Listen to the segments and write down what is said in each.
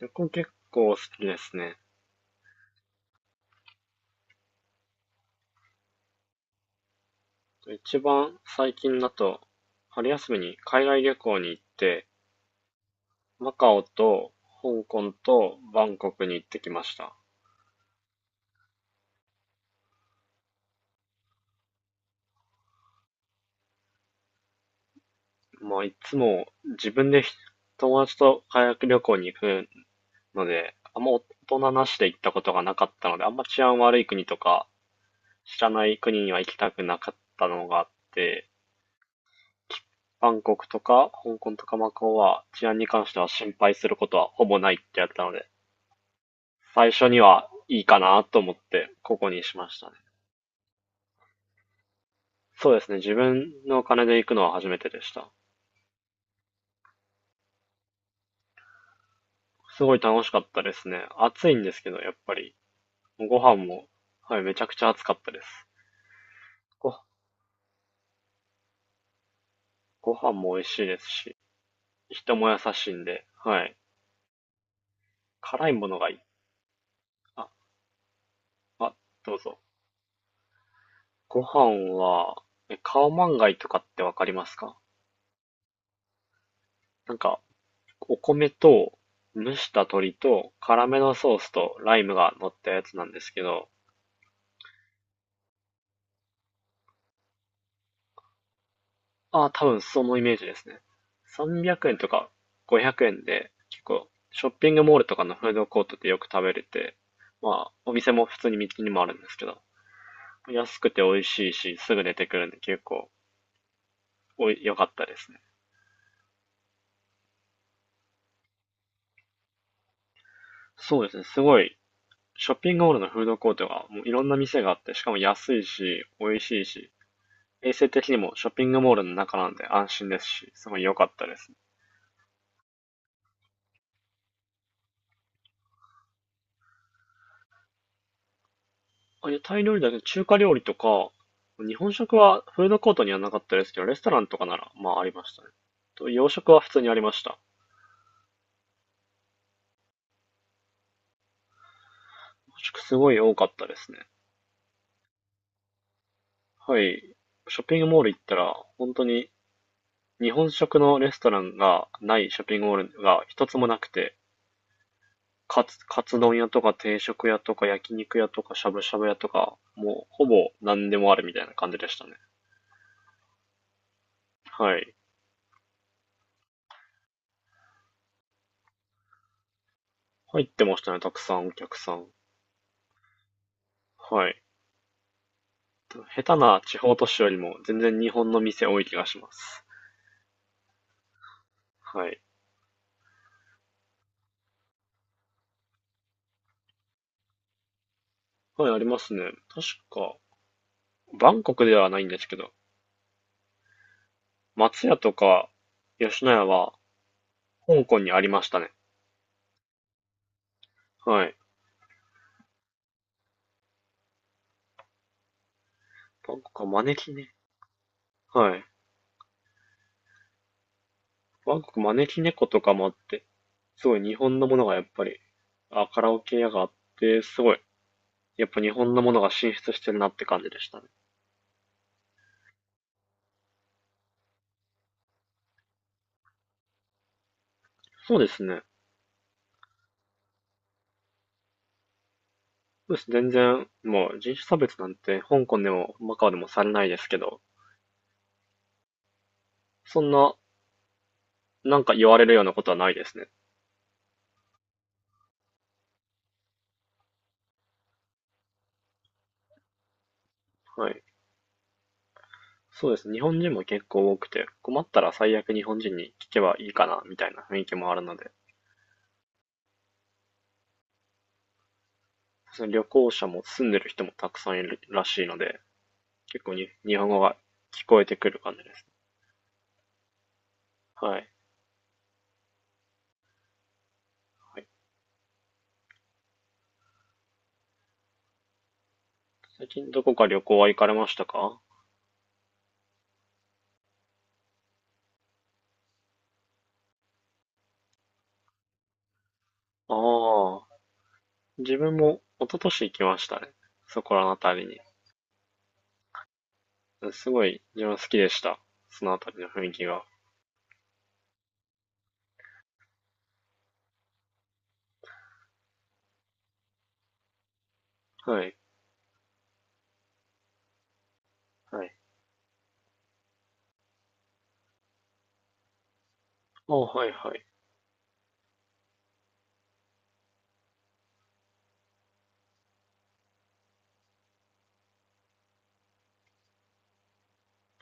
旅行結構好きですね。一番最近だと、春休みに海外旅行に行って、マカオと香港とバンコクに行ってきました。まあいつも自分で友達と海外旅行に行くので、あんま大人なしで行ったことがなかったので、あんま治安悪い国とか知らない国には行きたくなかったのがあって、バンコクとか香港とかマカオは治安に関しては心配することはほぼないってやったので、最初にはいいかなと思って、ここにしましたね。そうですね。自分のお金で行くのは初めてでした。すごい楽しかったですね。暑いんですけど、やっぱり。ご飯も、はい、めちゃくちゃ暑かったです。ご、ご飯も美味しいですし、人も優しいんで、はい。辛いものがいい。あ、あ、どうぞ。ご飯は、カオマンガイとかってわかりますか？なんか、お米と、蒸した鶏と、辛めのソースとライムが乗ったやつなんですけど、ああ、多分そのイメージですね。300円とか500円で結構ショッピングモールとかのフードコートでよく食べれて、まあお店も普通に道にもあるんですけど、安くて美味しいしすぐ出てくるんで結構おい良かったですね。そうですね、すごいショッピングモールのフードコートがもういろんな店があってしかも安いし美味しいし、衛生的にもショッピングモールの中なんで安心ですし、すごい良かったです。あ、屋台料理だけど中華料理とか、日本食はフードコートにはなかったですけど、レストランとかなら、まあありましたね。と、洋食は普通にありました。洋食すごい多かったですね。はい。ショッピングモール行ったら、本当に日本食のレストランがないショッピングモールが一つもなくて、カツ丼屋とか定食屋とか焼肉屋とかしゃぶしゃぶ屋とか、もうほぼ何でもあるみたいな感じでしたね。はい。入ってましたね、たくさんお客さん。はい。下手な地方都市よりも全然日本の店多い気がします。はい。はい、ありますね。確か、バンコクではないんですけど、松屋とか吉野家は香港にありましたね。はい。バンコクは招きね。はい。バンコク招き猫とかもあって、すごい日本のものがやっぱり、あ、カラオケ屋があって、すごい、やっぱ日本のものが進出してるなって感じでしたね。そうですね。そうです。全然、もう人種差別なんて香港でもマカオでもされないですけど、そんななんか言われるようなことはないですね。はい。そうです。日本人も結構多くて、困ったら最悪日本人に聞けばいいかな、みたいな雰囲気もあるので、その旅行者も住んでる人もたくさんいるらしいので、結構に日本語が聞こえてくる感じです。はい。はい、最近どこか旅行は行かれましたか？ああ、自分も一昨年行きましたね。そこらのあたりに。すごい自分は好きでした。そのあたりの雰囲気が。はい。はい。ああ、はいはい。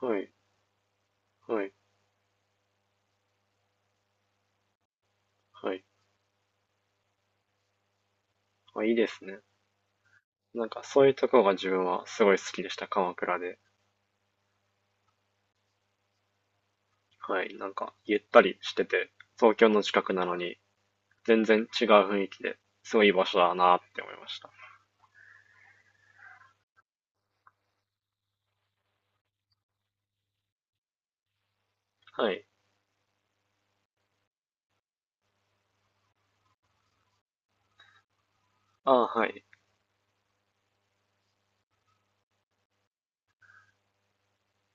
はい。はい。はい。あ、いいですね。なんかそういうところが自分はすごい好きでした、鎌倉で。はい、なんかゆったりしてて、東京の近くなのに全然違う雰囲気で、すごいいい場所だなって思いました。はい。ああ、はい。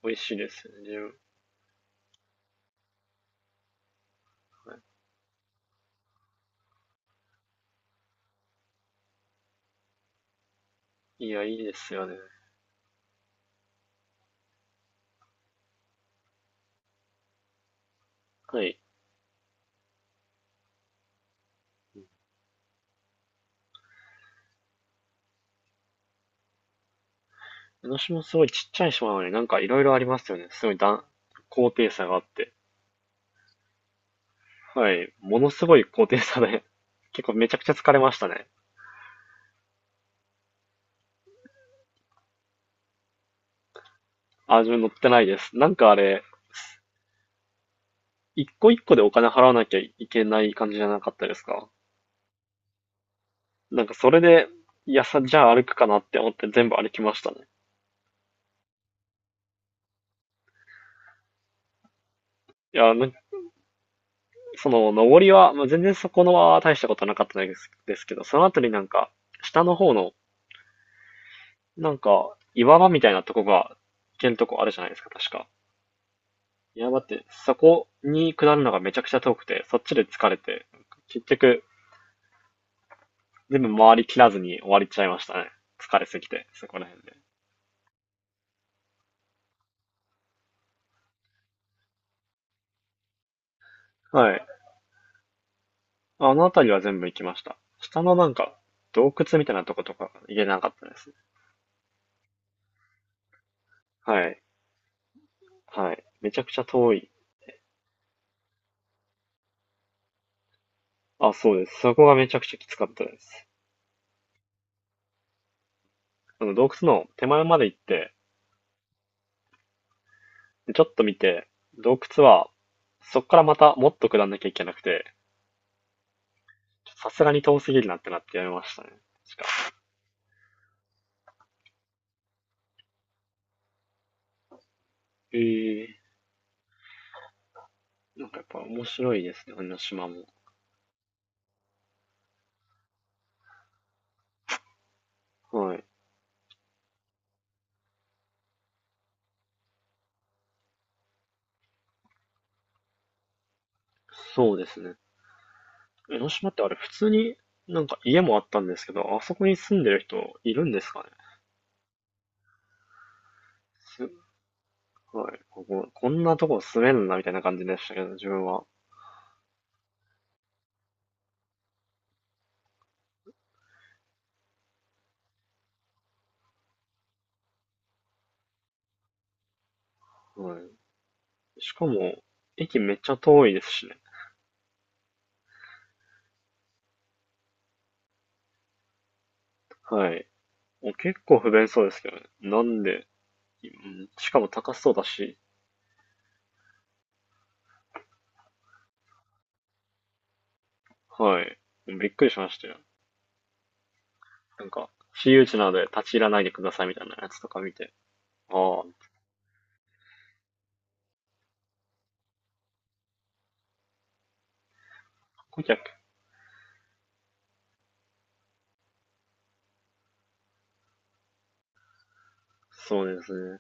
美味しいですよね、自分。はい、いや、いいですよね。はい。江ノ島すごいちっちゃい島なのになんかいろいろありますよね。すごい高低差があって。はい。ものすごい高低差で、結構めちゃくちゃ疲れましたね。あ、自分乗ってないです。なんかあれ、一個一個でお金払わなきゃいけない感じじゃなかったですか？なんかそれで、いやさ、じゃあ歩くかなって思って全部歩きましたね。いや、なんかその、登りは、まあ、全然そこのは大したことなかったですですけど、その後になんか、下の方の、なんか、岩場みたいなとこが、行けるとこあるじゃないですか、確か。いや、だって、そこに下るのがめちゃくちゃ遠くて、そっちで疲れて、結局、全部回り切らずに終わりちゃいましたね。疲れすぎて、そこら辺で。はい。あの辺りは全部行きました。下のなんか、洞窟みたいなとことか行けなかったですね。はい。はい。めちゃくちゃ遠い。あ、そうです。そこがめちゃくちゃきつかったです。あの、洞窟の手前まで行って、でちょっと見て、洞窟は、そこからまたもっと下んなきゃいけなくて、さすがに遠すぎるなってなってやめましたね。確か、ええ、なんかやっぱ面白いですね、江ノ島も。はい。そうですね。江ノ島ってあれ普通になんか家もあったんですけど、あそこに住んでる人いるんですかね？すごい。ここ、こんなとこ住めんな、みたいな感じでしたけど、自分は。はい。しかも、駅めっちゃ遠いですしね。はい。もう結構不便そうですけどね。なんで、うんしかも高そうだし、はい。びっくりしましたよ。なんか、私有地なので立ち入らないでくださいみたいなやつとか見て。ああ、顧客。そうですね。